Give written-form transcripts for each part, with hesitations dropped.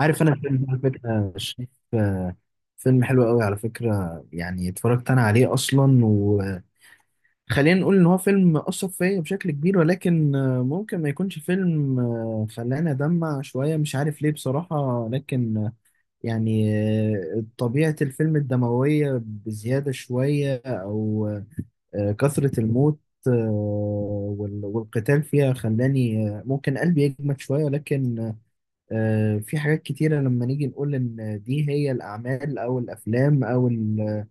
عارف انا الفيلم ده على فكره شايف آه، فيلم حلو قوي على فكره. يعني اتفرجت انا عليه اصلا، وخلينا نقول ان هو فيلم اثر فيا بشكل كبير، ولكن ممكن ما يكونش فيلم خلاني ادمع شويه. مش عارف ليه بصراحه، لكن يعني طبيعه الفيلم الدمويه بزياده شويه، او كثره الموت آه، والقتال فيها خلاني ممكن قلبي يجمد شويه. لكن في حاجات كتيرة لما نيجي نقول إن دي هي الأعمال أو الأفلام أو ال-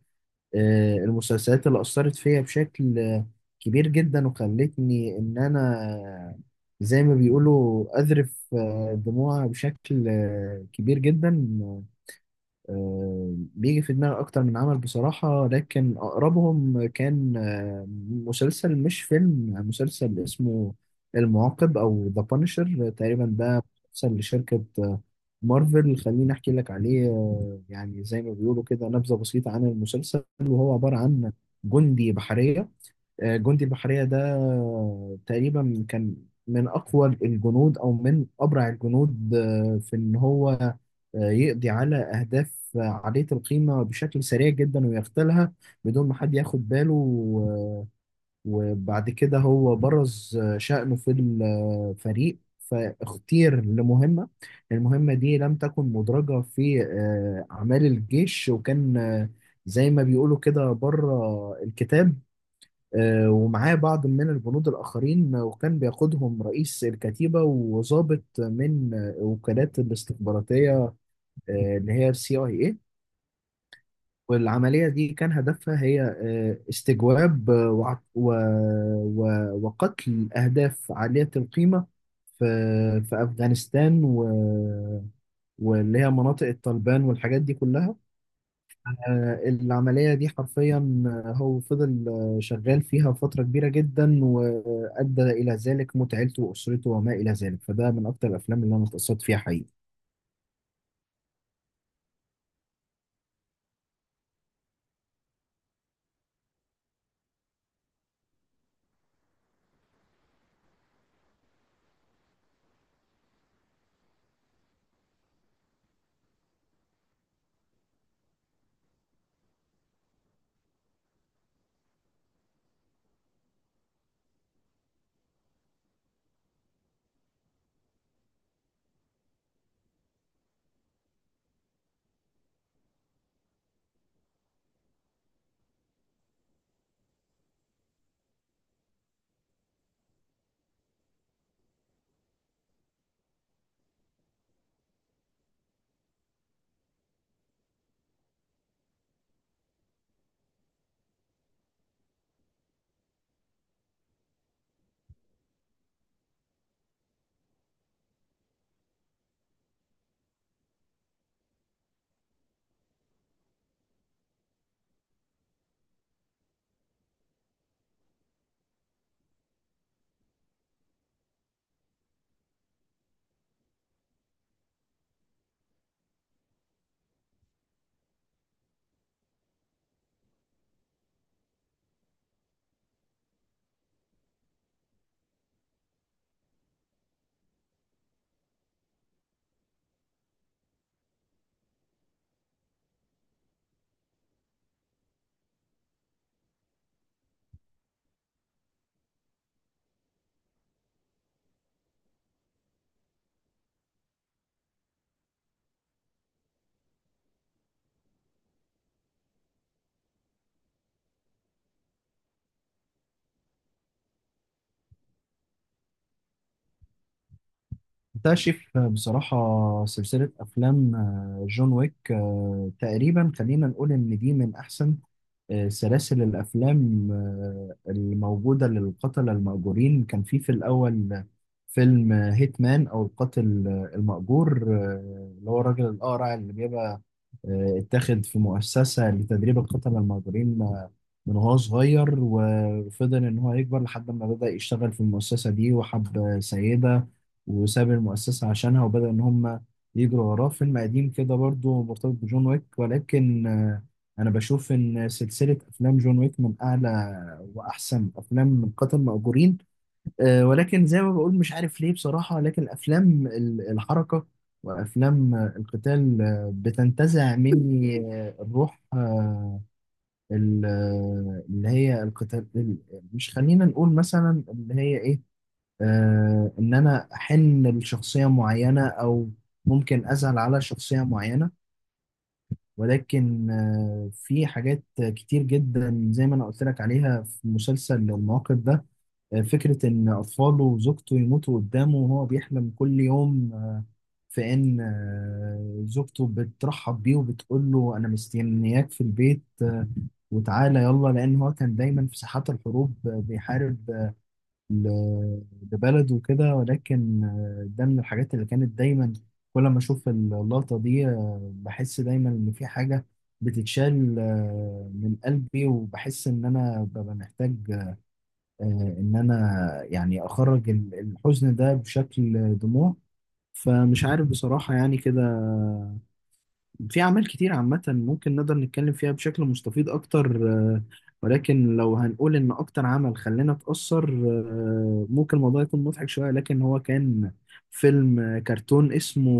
آه، المسلسلات اللي أثرت فيا بشكل كبير جدا، وخلتني إن أنا زي ما بيقولوا أذرف دموع بشكل كبير جدا. بيجي في دماغي أكتر من عمل بصراحة، لكن أقربهم كان مسلسل، مش فيلم، مسلسل اسمه المعاقب أو ذا بانشر تقريبا. ده مسلسل لشركة مارفل. خليني أحكي لك عليه يعني زي ما بيقولوا كده، نبذة بسيطة عن المسلسل. وهو عبارة عن جندي بحرية. جندي البحرية ده تقريبا كان من أقوى الجنود أو من أبرع الجنود في إن هو يقضي على أهداف عالية القيمة بشكل سريع جدا ويغتالها بدون ما حد ياخد باله وبعد كده هو برز شأنه في الفريق، فاختير لمهمة. المهمة دي لم تكن مدرجة في أعمال الجيش، وكان زي ما بيقولوا كده بره الكتاب. ومعاه بعض من البنود الآخرين، وكان بيقودهم رئيس الكتيبة وضابط من وكالات الاستخباراتية اللي هي السي اي اي. والعملية دي كان هدفها هي استجواب و... وقتل أهداف عالية القيمة في أفغانستان واللي هي مناطق الطالبان والحاجات دي كلها. العملية دي حرفيا هو فضل شغال فيها فترة كبيرة جدا، وأدى إلى ذلك موت عيلته وأسرته وما إلى ذلك. فده من أكتر الأفلام اللي أنا اتأثرت فيها حقيقي. بكتشف بصراحة سلسلة أفلام جون ويك تقريبا. خلينا نقول إن دي من أحسن سلاسل الأفلام الموجودة للقتلة المأجورين. كان في الأول فيلم هيتمان، أو القاتل المأجور، اللي هو الراجل الأقرع اللي بيبقى اتاخد في مؤسسة لتدريب القتلة المأجورين من وهو صغير، وفضل إن هو يكبر لحد ما بدأ يشتغل في المؤسسة دي، وحب سيدة، وساب المؤسسة عشانها، وبدأ إن هم يجروا وراه. فيلم قديم كده برضه مرتبط بجون ويك، ولكن أنا بشوف إن سلسلة أفلام جون ويك من أعلى وأحسن أفلام قتل مأجورين. ولكن زي ما بقول مش عارف ليه بصراحة، لكن أفلام الحركة وأفلام القتال بتنتزع مني الروح اللي هي القتال مش، خلينا نقول مثلا اللي هي إيه. إن أنا أحن لشخصية معينة، أو ممكن أزعل على شخصية معينة. ولكن في حاجات كتير جدا زي ما أنا قلت لك عليها في مسلسل المواقف ده. فكرة إن أطفاله وزوجته يموتوا قدامه، وهو بيحلم كل يوم في إن زوجته بترحب بيه وبتقول له أنا مستنياك في البيت وتعالى يلا، لأن هو كان دايما في ساحات الحروب بيحارب ل- لبلده وكده. ولكن ده من الحاجات اللي كانت دايما كل ما أشوف اللقطة دي بحس دايما إن في حاجة بتتشال من قلبي، وبحس إن أنا ببقى محتاج آه، ان انا يعني اخرج الحزن ده بشكل دموع. فمش عارف بصراحة يعني كده. في أعمال كتير عامة ممكن نقدر نتكلم فيها بشكل مستفيض أكتر، ولكن لو هنقول إن أكتر عمل خلانا نتأثر ممكن الموضوع يكون مضحك شوية، لكن هو كان فيلم كرتون اسمه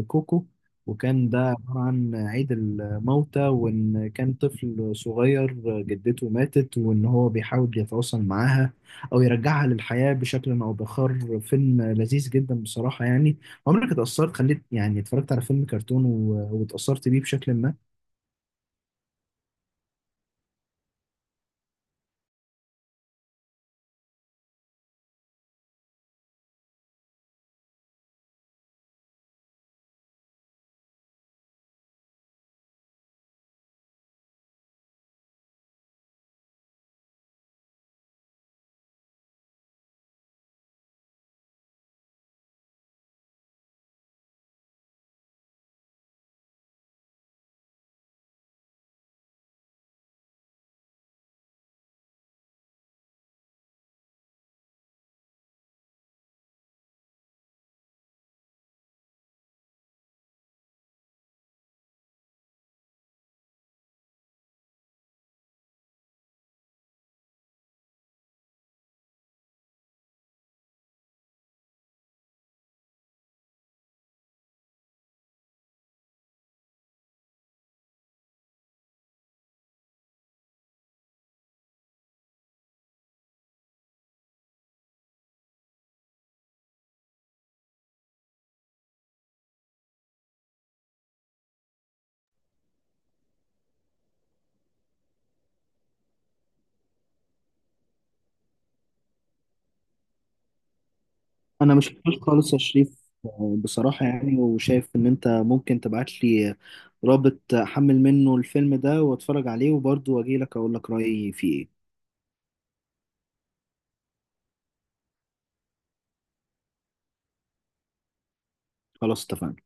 كوكو. وكان ده عبارة عن عيد الموتى، وإن كان طفل صغير جدته ماتت، وإن هو بيحاول يتواصل معاها أو يرجعها للحياة بشكل أو بآخر. فيلم لذيذ جدا بصراحة يعني. عمرك اتأثرت، خليت يعني اتفرجت على فيلم كرتون واتأثرت بيه بشكل ما؟ انا مش كتير خالص يا شريف. بصراحة يعني، وشايف ان انت ممكن تبعت لي رابط احمل منه الفيلم ده واتفرج عليه، وبرضه واجي لك اقول لك رأيي فيه ايه. خلاص اتفقنا.